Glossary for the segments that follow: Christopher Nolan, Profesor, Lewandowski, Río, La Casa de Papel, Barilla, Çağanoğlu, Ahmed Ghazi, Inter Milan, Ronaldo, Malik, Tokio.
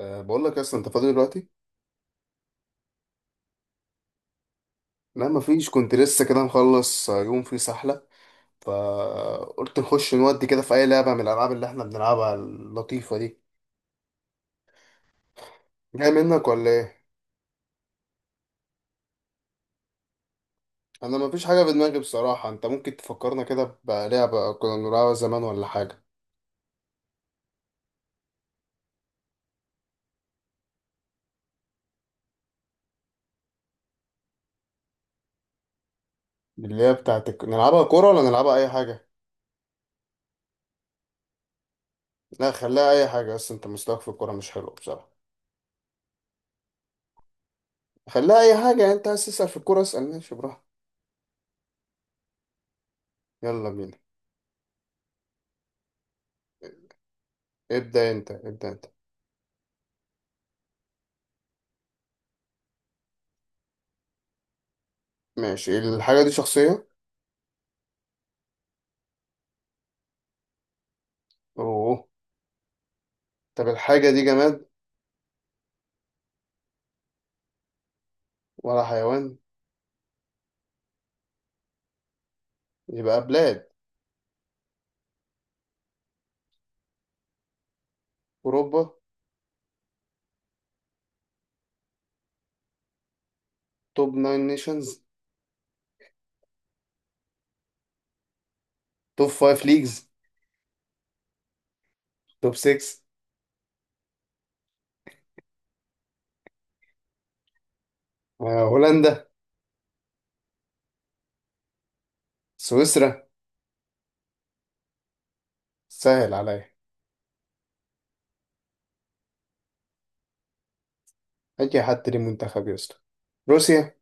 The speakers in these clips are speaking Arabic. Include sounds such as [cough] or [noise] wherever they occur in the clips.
بقول لك اصلا انت فاضي دلوقتي. لا، مفيش. كنت لسه كده مخلص يوم فيه سحله. فقلت نخش نودي كده في اي لعبه من الالعاب اللي احنا بنلعبها اللطيفه دي. جاي منك ولا ايه؟ انا مفيش حاجه في دماغي بصراحه. انت ممكن تفكرنا كده بلعبه كنا بنلعبها زمان ولا حاجه؟ اللي هي بتاعت نلعبها كوره ولا نلعبها اي حاجه؟ لا، خليها اي حاجه. بس انت مستواك في الكوره مش حلو بصراحه. خليها اي حاجه، يعني انت عايز تسال في الكوره اسال، ماشي براحتك. يلا بينا. ابدا انت، ابدا انت. ماشي. الحاجه دي شخصيه؟ اوه. طب الحاجة دي جماد؟ ولا حيوان؟ يبقى بلاد. أوروبا؟ توب ناين نيشنز؟ توب فايف ليجز؟ توب سكس؟ هولندا؟ سويسرا؟ سهل عليا. أي حد ليه منتخب يا اسطى. روسيا؟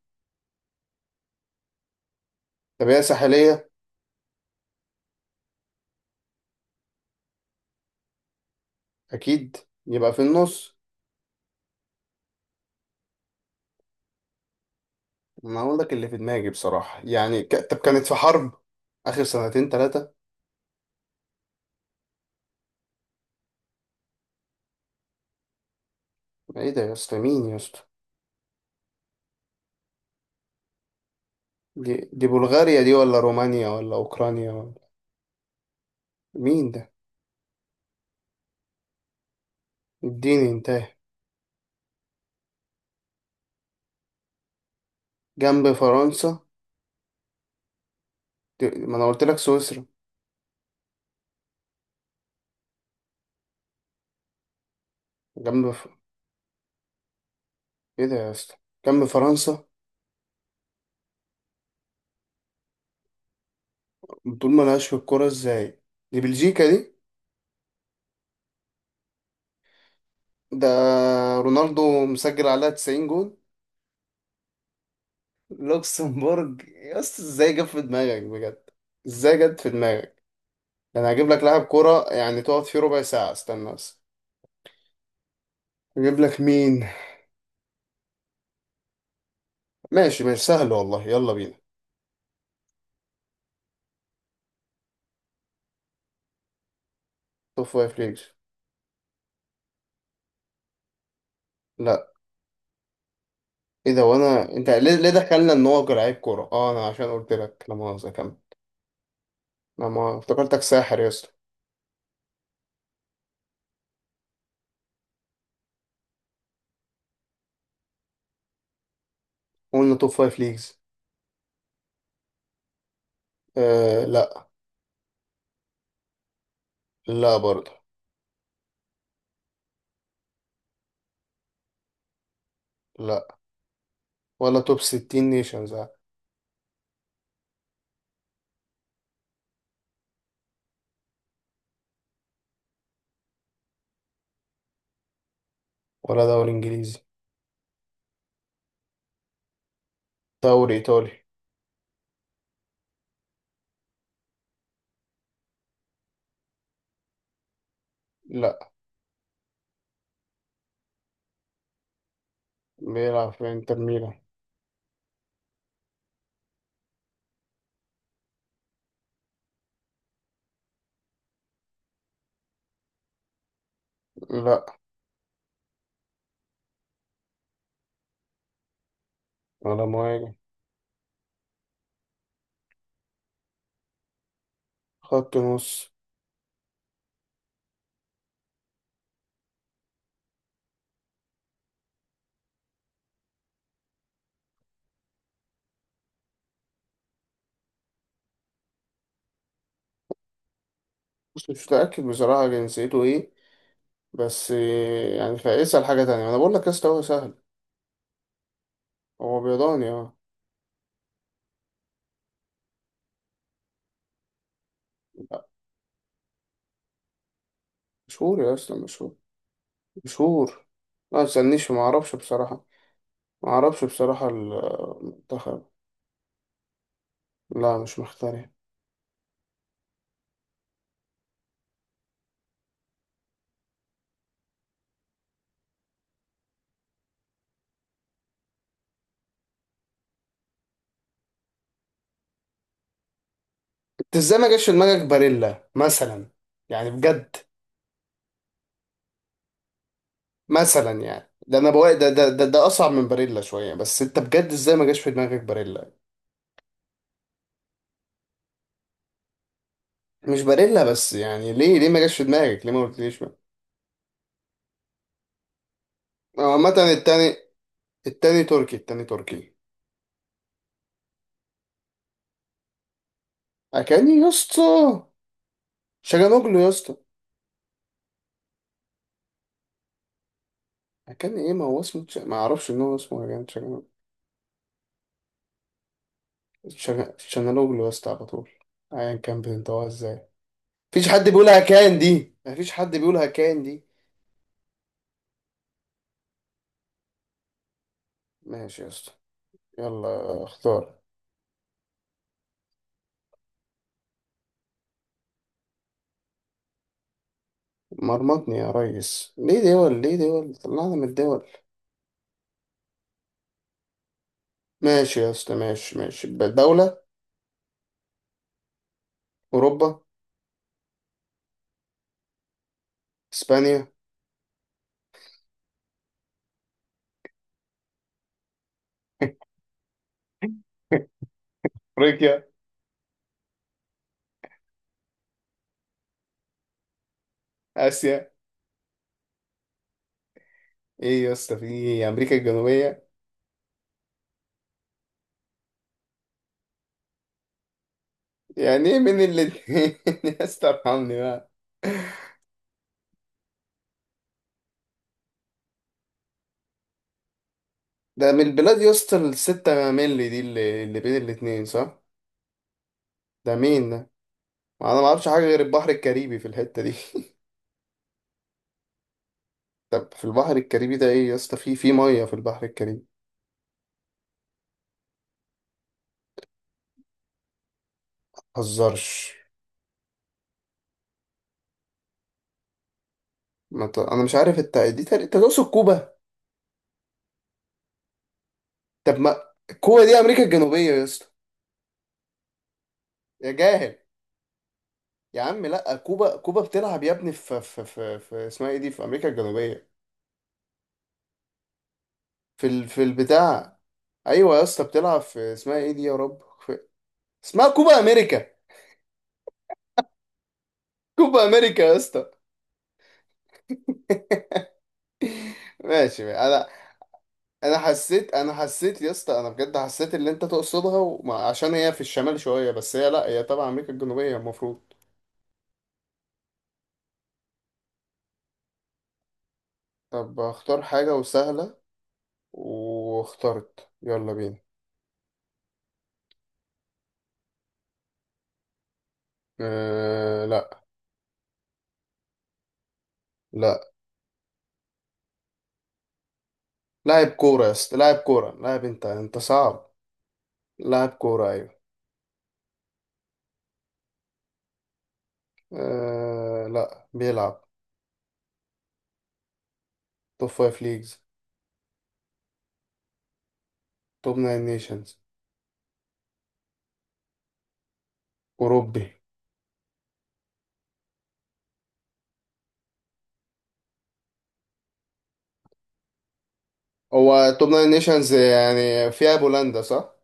طب هي ساحلية؟ أكيد. يبقى في النص. ما أقول لك اللي في دماغي بصراحة يعني طب كانت في حرب آخر سنتين تلاتة؟ إيه ده يا اسطى؟ مين يا اسطى؟ دي بلغاريا دي ولا رومانيا ولا أوكرانيا ولا؟ مين ده؟ اديني انتهى. جنب فرنسا؟ ما انا قلت لك سويسرا. جنب ف... ايه ده يا اسطى؟ جنب فرنسا. طول ما لهاش في الكوره ازاي. دي بلجيكا دي؟ ده رونالدو مسجل عليها 90 جول. لوكسمبورج يا اسطى، ازاي جت في دماغك بجد؟ ازاي جت في دماغك؟ ده انا هجيب لك لاعب كوره يعني تقعد فيه ربع ساعه، استنى بس. اجيب لك مين؟ ماشي ماشي، سهل والله، يلا بينا. توب فايف ليجز. لا. ايه ده؟ انت ليه دخلنا ان هو لعيب كوره؟ اه انا عشان قلت لك، لا مؤاخذه، كمل. انا ما افتكرتك ساحر يا اسطى. قلنا توب فايف ليجز. آه، لا. لا برضه. لا، ولا توب ستين نيشنز. ولا دوري انجليزي. دوري ايطالي؟ لا، بيلعب في انتر ميلان؟ لا. ولا مهاجم؟ خط نص؟ بص، مش متأكد بصراحة جنسيته ايه. بس يعني فاسأل حاجة تانية، انا بقول لك يا اسطى هو سهل. هو بيضاني، اه. لا. مشهور يا اسطى، مشهور، مشهور. ما تسألنيش، ما اعرفش بصراحة. ما اعرفش بصراحة المنتخب. لا، مش مختار. انت ازاي ما جاش في دماغك باريلا مثلا؟ يعني بجد. مثلا يعني ده انا بقول ده اصعب من باريلا شويه. بس انت بجد ازاي ما جاش في دماغك باريلا؟ مش باريلا، بس يعني ليه ما جاش في دماغك؟ ليه ما قلتليش بقى؟ هو عامه التاني. التاني تركي، التاني تركي. اكاني يا اسطى؟ شجانوجلو يا اسطى؟ اكاني ايه؟ ما هو اسمه ما اعرفش ان هو اسمه اكاني شجانوجلو. شجانوجلو يا اسطى على طول. ايا كان بتنطقها ازاي. مفيش حد بيقولها كان دي، مفيش حد بيقولها كان دي. ماشي يا اسطى. يلا اختار. مرمطني يا ريس؟ ليه دول؟ ليه دول؟ طلعنا من الدول. ماشي يا اسطى، ماشي ماشي. دولة؟ أوروبا؟ إسبانيا؟ [laughs] أفريقيا؟ آسيا؟ إيه يا اسطى في إيه؟ أمريكا الجنوبية؟ يعني إيه من الاتنين؟ [laughs] يا اسطى ارحمني بقى. ده من البلاد يا اسطى الستة مللي دي اللي بين الاتنين صح؟ ده مين ده؟ أنا ما أعرفش حاجة غير البحر الكاريبي في الحتة دي. [laughs] طب في البحر الكاريبي ده إيه يا اسطى؟ في مية في البحر الكاريبي. مهزرش. ما ت... انا مش عارف انت دي انت تقصد كوبا؟ طب ما كوبا دي امريكا الجنوبيه يا اسطى. يا جاهل! يا عم لا، كوبا كوبا بتلعب يا ابني في اسمها ايه دي في امريكا الجنوبيه. في البتاع. ايوه يا اسطى بتلعب في اسمها ايه دي يا رب. اسمها كوبا امريكا. كوبا امريكا يا اسطى. [laughs] ماشي ماشي. انا حسيت، انا حسيت يا اسطى. انا بجد حسيت اللي انت تقصدها عشان هي في الشمال شويه، بس هي، لا، هي تبع امريكا الجنوبيه المفروض. طب اختار حاجه وسهله. واخترت، يلا بينا. أه، لا. لا. لاعب كورة يا اسطى، لاعب كورة، لاعب. انت صعب. لاعب كورة، ايوه. أه، لا بيلعب. توب فايف ليجز. توب ناين نيشنز. أوروبي. هو. توب ناين نيشنز يعني فيها بولندا صح؟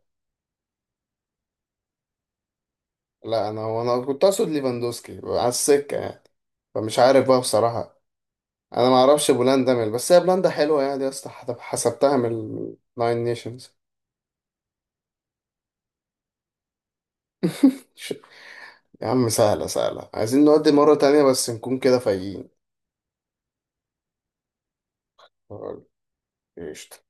لا، انا كنت اقصد ليفاندوسكي على السكة يعني. فمش عارف بقى بصراحة. انا ما اعرفش بولندا من، بس هي بولندا حلوة يعني يا اسطى حسبتها من الناين نيشنز. [laughs] يا عم سهلة سهلة، عايزين نودي مرة تانية بس نكون كده فايقين. قشطة.